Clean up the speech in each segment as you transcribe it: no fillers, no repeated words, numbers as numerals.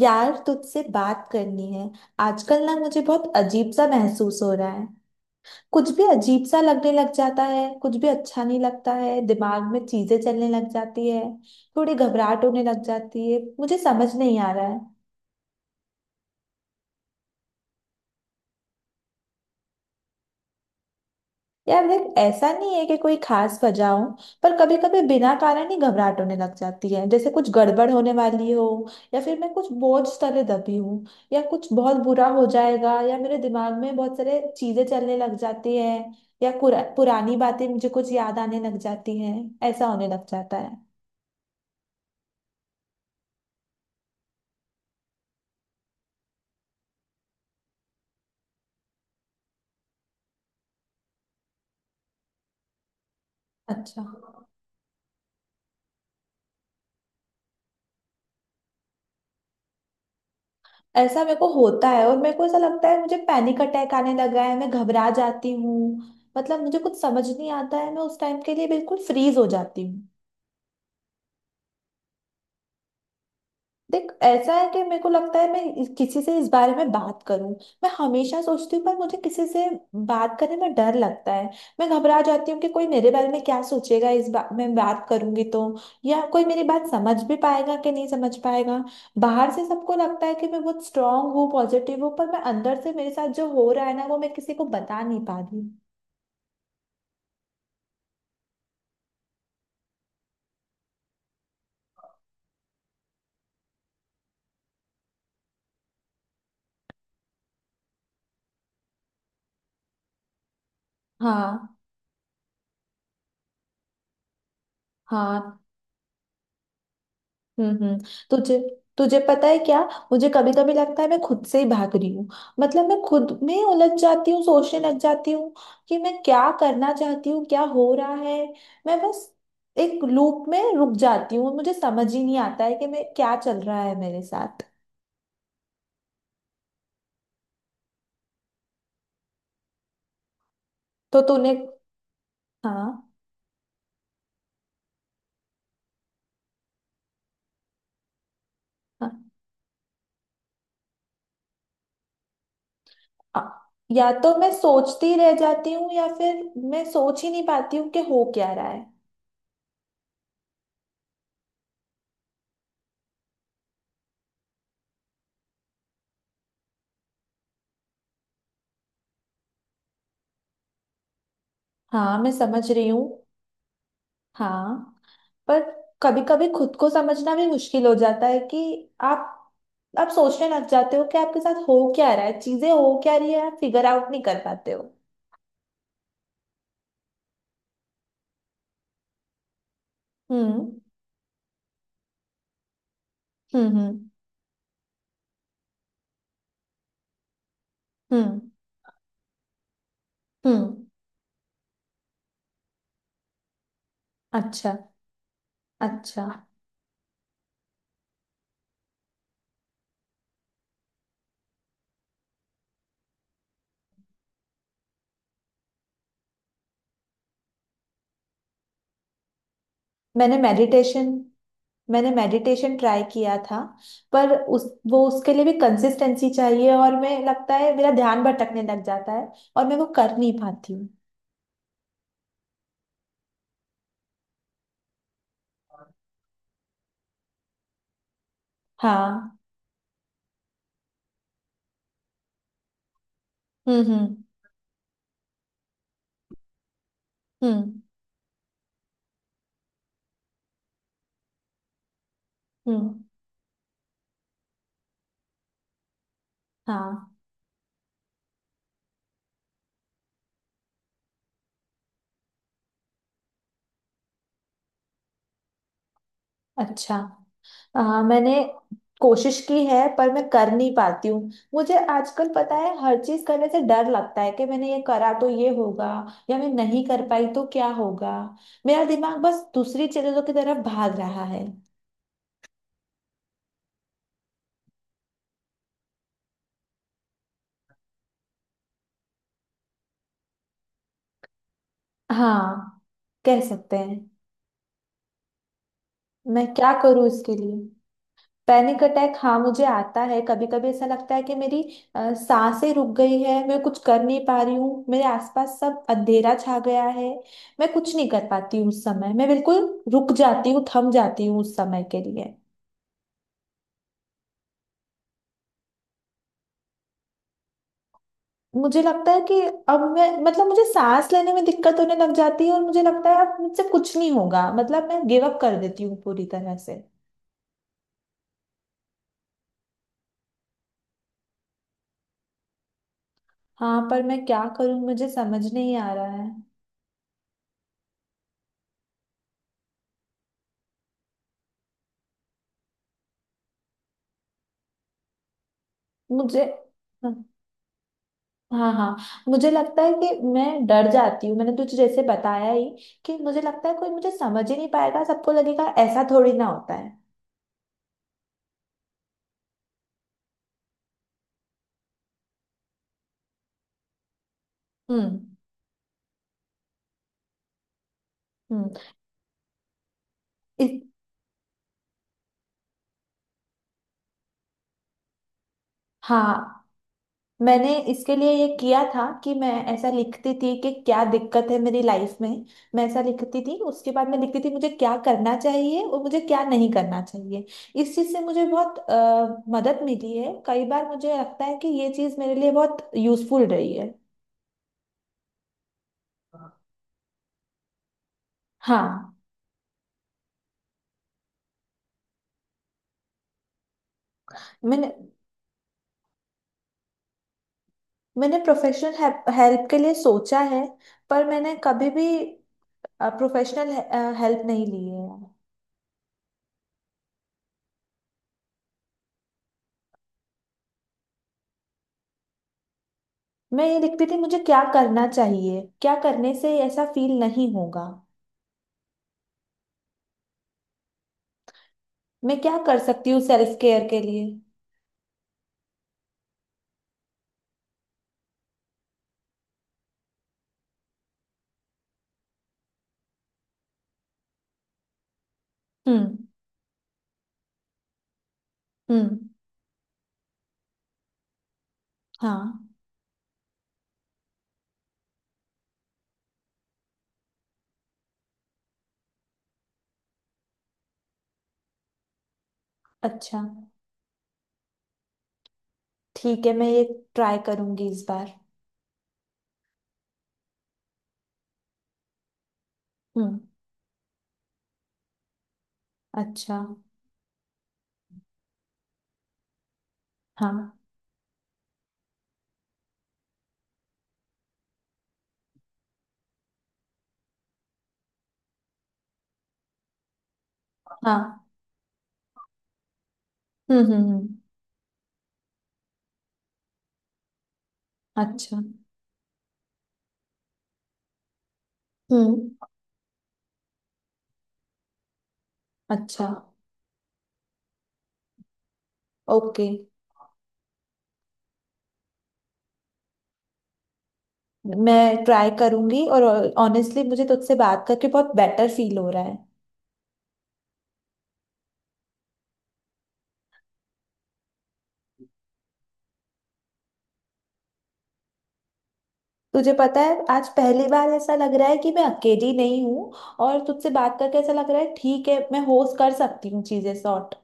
यार तुझसे बात करनी है। आजकल ना मुझे बहुत अजीब सा महसूस हो रहा है। कुछ भी अजीब सा लगने लग जाता है, कुछ भी अच्छा नहीं लगता है, दिमाग में चीजें चलने लग जाती है। थोड़ी घबराहट होने लग जाती है, मुझे समझ नहीं आ रहा है। यार देख, ऐसा नहीं है कि कोई खास वजह हो, पर कभी कभी बिना कारण ही घबराहट होने लग जाती है, जैसे कुछ गड़बड़ होने वाली हो, या फिर मैं कुछ बोझ तले दबी हूँ, या कुछ बहुत बुरा हो जाएगा, या मेरे दिमाग में बहुत सारे चीजें चलने लग जाती है, या पुरानी बातें मुझे कुछ याद आने लग जाती हैं, ऐसा होने लग जाता है। अच्छा। ऐसा मेरे को होता है और मेरे को ऐसा लगता है मुझे पैनिक अटैक आने लगा है, मैं घबरा जाती हूँ। मतलब मुझे कुछ समझ नहीं आता है, मैं उस टाइम के लिए बिल्कुल फ्रीज हो जाती हूँ। देख, ऐसा है कि मेरे को लगता है मैं किसी से इस बारे में बात करूं। मैं हमेशा सोचती हूँ, पर मुझे किसी से बात करने में डर लगता है। मैं घबरा जाती हूँ कि कोई मेरे बारे में क्या सोचेगा, इस बात मैं बात करूंगी तो, या कोई मेरी बात समझ भी पाएगा कि नहीं समझ पाएगा। बाहर से सबको लगता है कि मैं बहुत स्ट्रांग हूँ, पॉजिटिव हूँ, पर मैं अंदर से मेरे साथ जो हो रहा है ना वो मैं किसी को बता नहीं पा रही हूँ। हाँ। हाँ। हम्म, हम्म। तुझे तुझे पता है क्या, मुझे कभी कभी लगता है मैं खुद से ही भाग रही हूँ। मतलब मैं खुद में उलझ जाती हूँ, सोचने लग जाती हूँ कि मैं क्या करना चाहती हूँ, क्या हो रहा है। मैं बस एक लूप में रुक जाती हूँ, मुझे समझ ही नहीं आता है कि मैं क्या चल रहा है मेरे साथ। तो तूने। हाँ। हाँ। आ- या तो मैं सोचती रह जाती हूँ, या फिर मैं सोच ही नहीं पाती हूँ कि हो क्या रहा है। हाँ, मैं समझ रही हूँ। हाँ। पर कभी कभी खुद को समझना भी मुश्किल हो जाता है कि आप आप सोचने लग जाते हो कि आपके साथ हो क्या रहा है, चीजें हो क्या रही है, आप फिगर आउट नहीं कर पाते हो। हम्म, हम्म, हम्म, हम्म, हम्म। अच्छा। अच्छा। मैंने मेडिटेशन मैंने मेडिटेशन ट्राई किया था। पर उस वो उसके लिए भी कंसिस्टेंसी चाहिए, और मैं, लगता है मेरा ध्यान भटकने लग जाता है, और मैं वो कर नहीं पाती हूँ। हाँ। हम्म, हम्म, हम्म, हम्म। हाँ। अच्छा। मैंने कोशिश की है पर मैं कर नहीं पाती हूँ। मुझे आजकल पता है हर चीज करने से डर लगता है कि मैंने ये करा तो ये होगा, या मैं नहीं कर पाई तो क्या होगा। मेरा दिमाग बस दूसरी चीजों की तरफ भाग रहा है। हाँ, कह सकते हैं। मैं क्या करूँ इसके लिए? पैनिक अटैक हाँ मुझे आता है, कभी कभी ऐसा लगता है कि मेरी सांसें रुक गई है, मैं कुछ कर नहीं पा रही हूँ, मेरे आसपास सब अंधेरा छा गया है। मैं कुछ नहीं कर पाती हूँ उस समय, मैं बिल्कुल रुक जाती हूँ, थम जाती हूँ उस समय के लिए। मुझे लगता है कि अब मैं, मतलब मुझे सांस लेने में दिक्कत होने लग जाती है, और मुझे लगता है अब मुझसे कुछ नहीं होगा, मतलब मैं गिव अप कर देती हूँ पूरी तरह से। हाँ पर मैं क्या करूँ, मुझे समझ नहीं आ रहा है। मुझे हाँ। हाँ। हाँ। मुझे लगता है कि मैं डर जाती हूँ, मैंने तुझे जैसे बताया ही कि मुझे लगता है कोई मुझे समझ ही नहीं पाएगा, सबको लगेगा ऐसा थोड़ी ना होता है। हम्म, हम्म। इस हाँ। मैंने इसके लिए ये किया था कि मैं ऐसा लिखती थी कि क्या दिक्कत है मेरी लाइफ में। मैं ऐसा लिखती थी, उसके बाद मैं लिखती थी मुझे क्या करना चाहिए और मुझे क्या नहीं करना चाहिए। इस चीज़ से मुझे बहुत मदद मिली है, कई बार मुझे लगता है कि ये चीज़ मेरे लिए बहुत यूजफुल रही है। हाँ। मैंने मैंने प्रोफेशनल हेल्प के लिए सोचा है, पर मैंने कभी भी प्रोफेशनल हेल्प नहीं ली है। मैं ये लिखती थी मुझे क्या करना चाहिए, क्या करने से ऐसा फील नहीं होगा। मैं क्या कर सकती हूँ सेल्फ केयर के लिए। हम्म, हम्म। हाँ। अच्छा। ठीक है, मैं ये ट्राई करूंगी इस बार। हम्म। अच्छा। हाँ। हाँ। हम्म, हम्म, हम्म। अच्छा। हम्म। अच्छा। ओके। मैं ट्राई करूंगी, और ऑनेस्टली मुझे तुझसे बात करके बहुत बेटर फील हो रहा है। तुझे पता है आज पहली बार ऐसा लग रहा है कि मैं अकेली नहीं हूँ, और तुझसे बात करके ऐसा लग रहा है ठीक है, मैं होस्ट कर सकती हूँ चीजें सॉर्ट।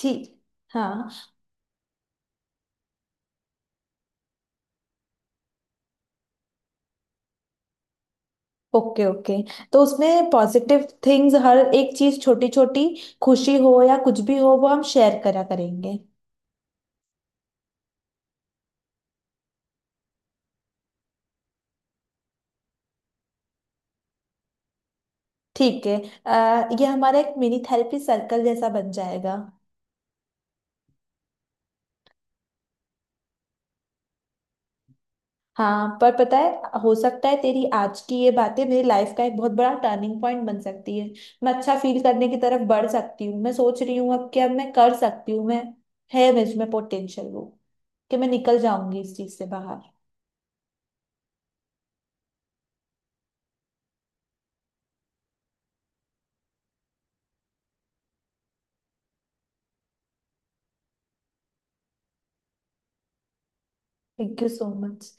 ठीक। हाँ। Okay, okay. तो उसमें पॉजिटिव थिंग्स, हर एक चीज, छोटी छोटी खुशी हो या कुछ भी हो, वो हम शेयर करा करेंगे। ठीक है। ये हमारा एक मिनी थेरेपी सर्कल जैसा बन जाएगा। हाँ पर पता है हो सकता है तेरी आज की ये बातें मेरी लाइफ का एक बहुत बड़ा टर्निंग पॉइंट बन सकती है। मैं अच्छा फील करने की तरफ बढ़ सकती हूँ, मैं सोच रही हूँ अब कि अब मैं कर सकती हूँ, मैं, है मुझ में पोटेंशियल वो, कि मैं निकल जाऊंगी इस चीज से बाहर। Thank you so much.